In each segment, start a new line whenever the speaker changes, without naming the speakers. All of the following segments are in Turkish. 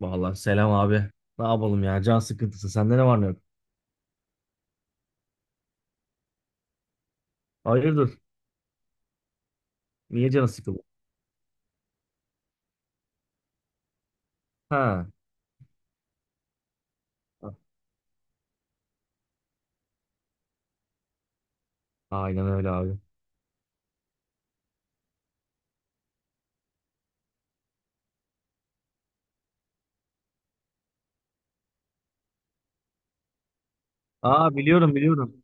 Vallahi selam abi. Ne yapalım ya? Can sıkıntısı. Sende ne var ne yok? Hayırdır? Niye canı sıkıldı? Ha. Aynen öyle abi. Aa biliyorum biliyorum.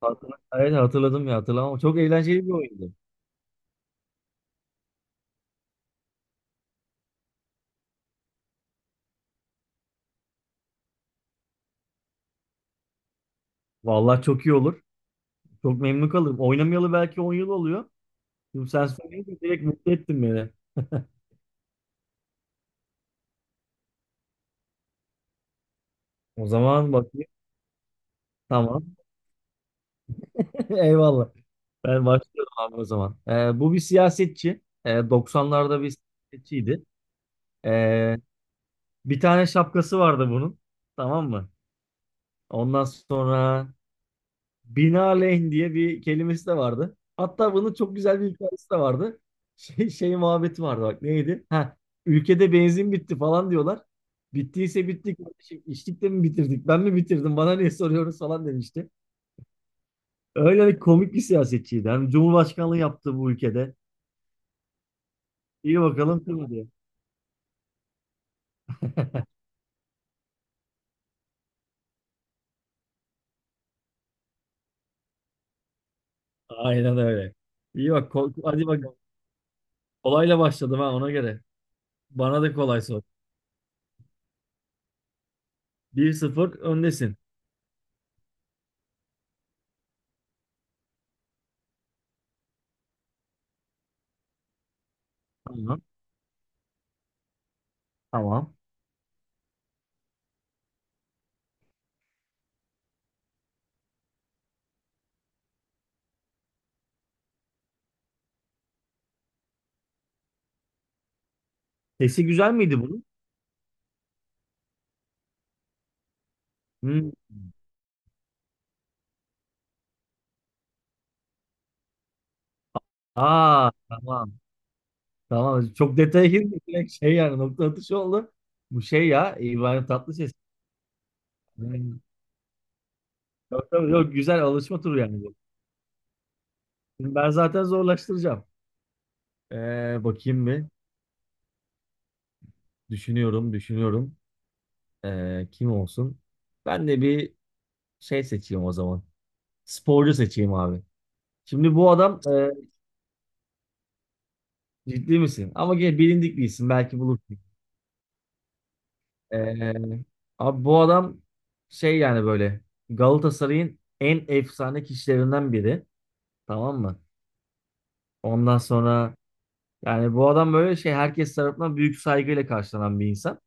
Evet hatırladım ya hatırlamam. Çok eğlenceli bir oyundu. Vallahi çok iyi olur. Çok memnun kalırım. Oynamayalı belki 10 yıl oluyor. Şimdi sen söyleyince direkt mutlu ettin beni. O zaman bakayım. Tamam. Eyvallah. Ben başlıyorum abi o zaman. Bu bir siyasetçi. 90'larda bir siyasetçiydi. Ee, bir tane şapkası vardı bunun. Tamam mı? Ondan sonra binaenaleyh diye bir kelimesi de vardı. Hatta bunun çok güzel bir hikayesi de vardı. Şey muhabbeti vardı, bak neydi? Ha, ülkede benzin bitti falan diyorlar. Bittiyse bitti kardeşim. İçtik de mi bitirdik? Ben mi bitirdim? Bana niye soruyorsunuz falan demişti. Öyle bir komik bir siyasetçiydi. Hem Cumhurbaşkanlığı yaptı bu ülkede. İyi bakalım kim diye. Aynen öyle. İyi bak. Hadi bak. Kolayla başladım ha, ona göre. Bana da kolay sor. 1-0, öndesin. Tamam. Tamam. Sesi güzel miydi bunun? Hmm. Aa, tamam. Tamam. Çok detaya girdik. Direkt şey yani nokta atışı oldu. Bu şey ya, İbrahim Tatlıses. Hmm. Yok, tabii, yok, güzel alışma turu yani bu. Şimdi ben zaten zorlaştıracağım. Bakayım bir. Düşünüyorum, düşünüyorum. Kim olsun? Ben de bir şey seçeyim o zaman. Sporcu seçeyim abi. Şimdi bu adam ciddi misin? Ama gene bilindik bir isim. Belki bulur. Ee, abi bu adam şey yani böyle Galatasaray'ın en efsane kişilerinden biri. Tamam mı? Ondan sonra yani bu adam böyle şey herkes tarafından büyük saygıyla karşılanan bir insan.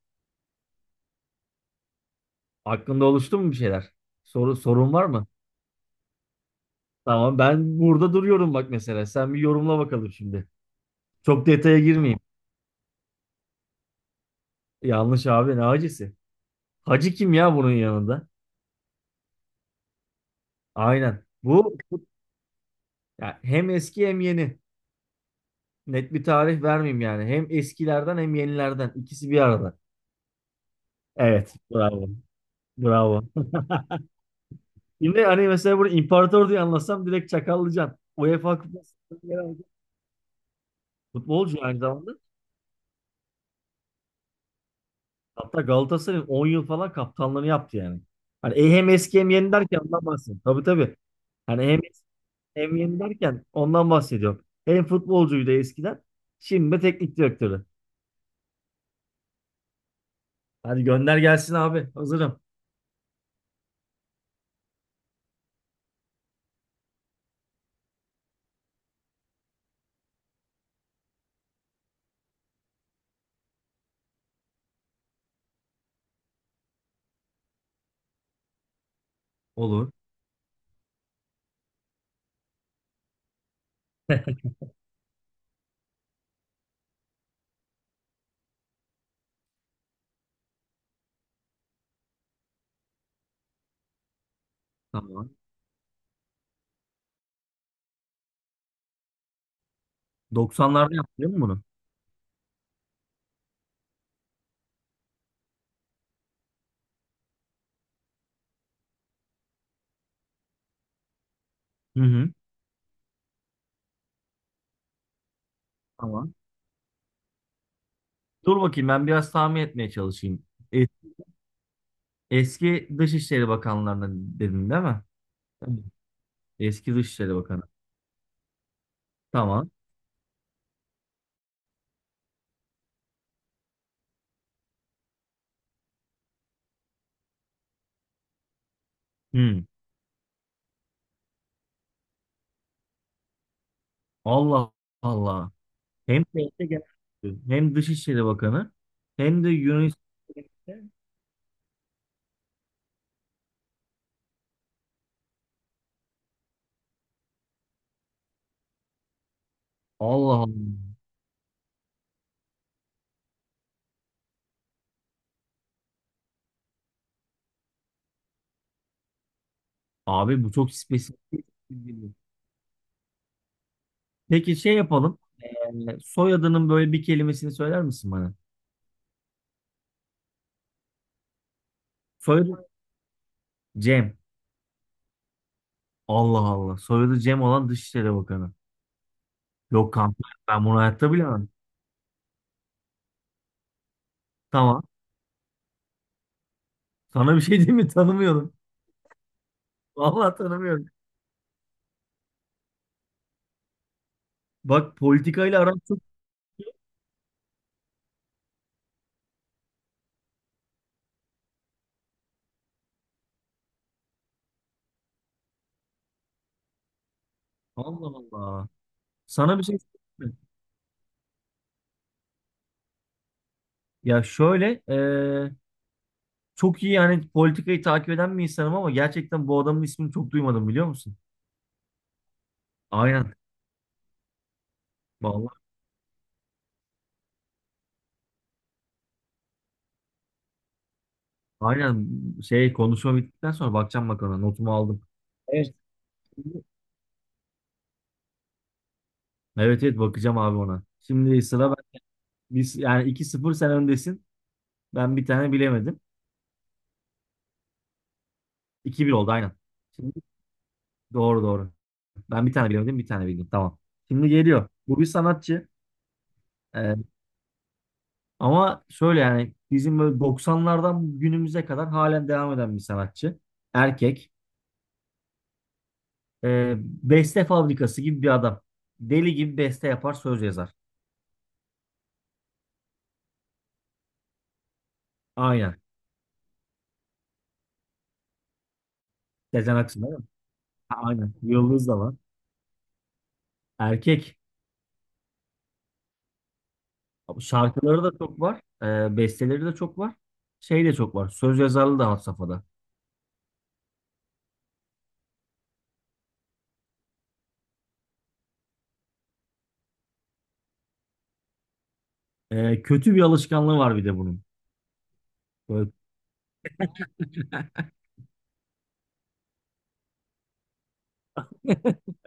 Aklında oluştu mu bir şeyler? Sorun var mı? Tamam, ben burada duruyorum bak mesela. Sen bir yorumla bakalım şimdi. Çok detaya girmeyeyim. Yanlış abi, ne hacısı? Hacı kim ya bunun yanında? Aynen. Bu ya, hem eski hem yeni. Net bir tarih vermeyeyim yani. Hem eskilerden hem yenilerden. İkisi bir arada. Evet, bravo. Bravo. Şimdi hani mesela burada imparator diye anlatsam direkt çakallıcan. UEFA Kupası'nda yer aldı. Futbolcu aynı zamanda. Hatta Galatasaray'ın 10 yıl falan kaptanlığını yaptı yani. Hani hem eski hem yeni derken ondan bahsediyorum. Tabii tabii. Hani hem eski hem yeni derken ondan bahsediyorum. Hem futbolcuydu eskiden. Şimdi de teknik direktörü. Hadi gönder gelsin abi. Hazırım. Olur. Tamam. 90'larda yaptı değil mi bunu? Hı hı. Tamam. Dur bakayım, ben biraz tahmin etmeye çalışayım. E- Eski Dışişleri Bakanlarından dedin değil mi? Evet. Eski Dışişleri Bakanı. Tamam. Hmm. Allah Allah. Hem TRT Genel Müdürü, hem Dışişleri Bakanı, hem de Yunanistan'da. Allah Allah. Abi bu çok spesifik. Peki şey yapalım. Soyadının böyle bir kelimesini söyler misin bana? Soyadı Cem. Allah Allah. Soyadı Cem olan Dışişleri Bakanı. Yok kanka, ben bunu hayatta bilemem. Tamam. Sana bir şey diyeyim mi? Tanımıyorum. Vallahi tanımıyorum. Bak, politikayla aram çok... Allah Allah. Sana bir şey söyleyeyim mi? Ya şöyle çok iyi yani politikayı takip eden bir insanım ama gerçekten bu adamın ismini çok duymadım, biliyor musun? Aynen. Vallahi aynen, şey, konuşma bittikten sonra bakacağım bak ona. Notumu aldım. Evet. Evet evet, bakacağım abi ona. Şimdi sıra ben. Yani iki 0 sen öndesin. Ben bir tane bilemedim. 2-1 oldu aynen. Doğru doğru. Ben bir tane bilemedim, bir tane bildim. Tamam. Şimdi geliyor. Bu bir sanatçı. Ee, ama şöyle yani bizim böyle 90'lardan günümüze kadar halen devam eden bir sanatçı. Erkek. Beste fabrikası gibi bir adam. Deli gibi beste yapar, söz yazar. Aynen. Sezen Aksu değil mi? Ha, aynen. Yıldız da var. Erkek. Şarkıları da çok var. Besteleri de çok var. Şey de çok var. Söz yazarlığı da had safhada. Kötü bir alışkanlığı var bir de bunun. Böyle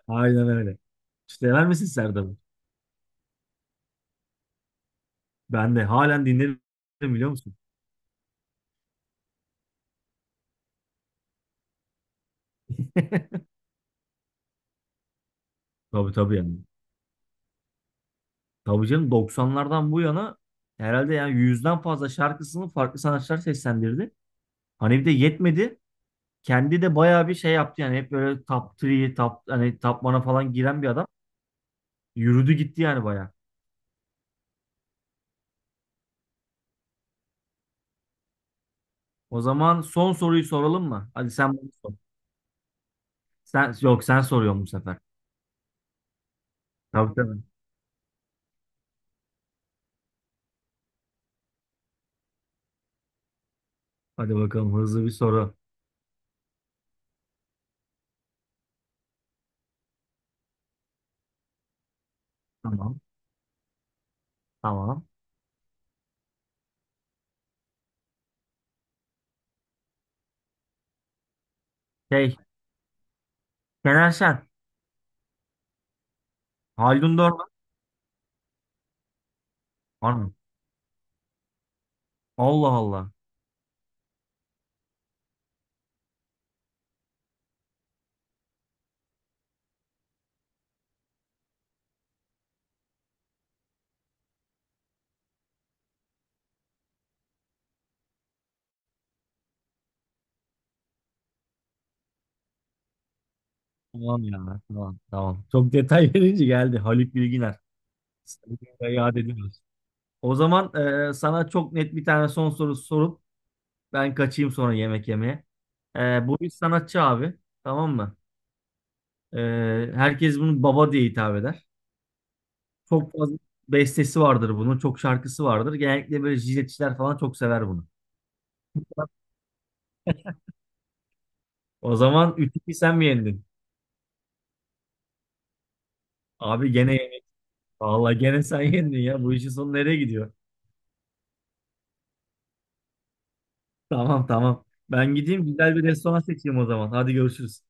aynen öyle. Hiç dener misin Serdar'ı? Ben de halen dinlerim, biliyor musun? Tabii tabii yani. Tabii canım, 90'lardan bu yana herhalde yani 100'den fazla şarkısını farklı sanatçılar seslendirdi. Hani bir de yetmedi. Kendi de bayağı bir şey yaptı yani, hep böyle top 3, top, hani top 1'a falan giren bir adam. Yürüdü gitti yani bayağı. O zaman son soruyu soralım mı? Hadi sen bana sor. Sen, yok sen soruyorsun bu sefer. Tabii tabii. Hadi bakalım, hızlı bir soru. Tamam. Tamam. Şey, Şener Şen. Haldun Dorman var mı? Allah Allah. Tamam ya. Tamam tamam. Çok detay verince geldi. Haluk Bilginer. Saygıyla yad ediyoruz. O zaman sana çok net bir tane son soru sorup ben kaçayım sonra yemek yemeye. E, bu bir sanatçı abi. Tamam mı? E, herkes bunu baba diye hitap eder. Çok fazla bestesi vardır bunun. Çok şarkısı vardır. Genellikle böyle jiletçiler falan çok sever bunu. O zaman 3-2, sen mi yendin? Abi gene yendin. Vallahi gene sen yendin ya. Bu işin sonu nereye gidiyor? Tamam tamam. Ben gideyim, güzel bir restoran seçeyim o zaman. Hadi görüşürüz.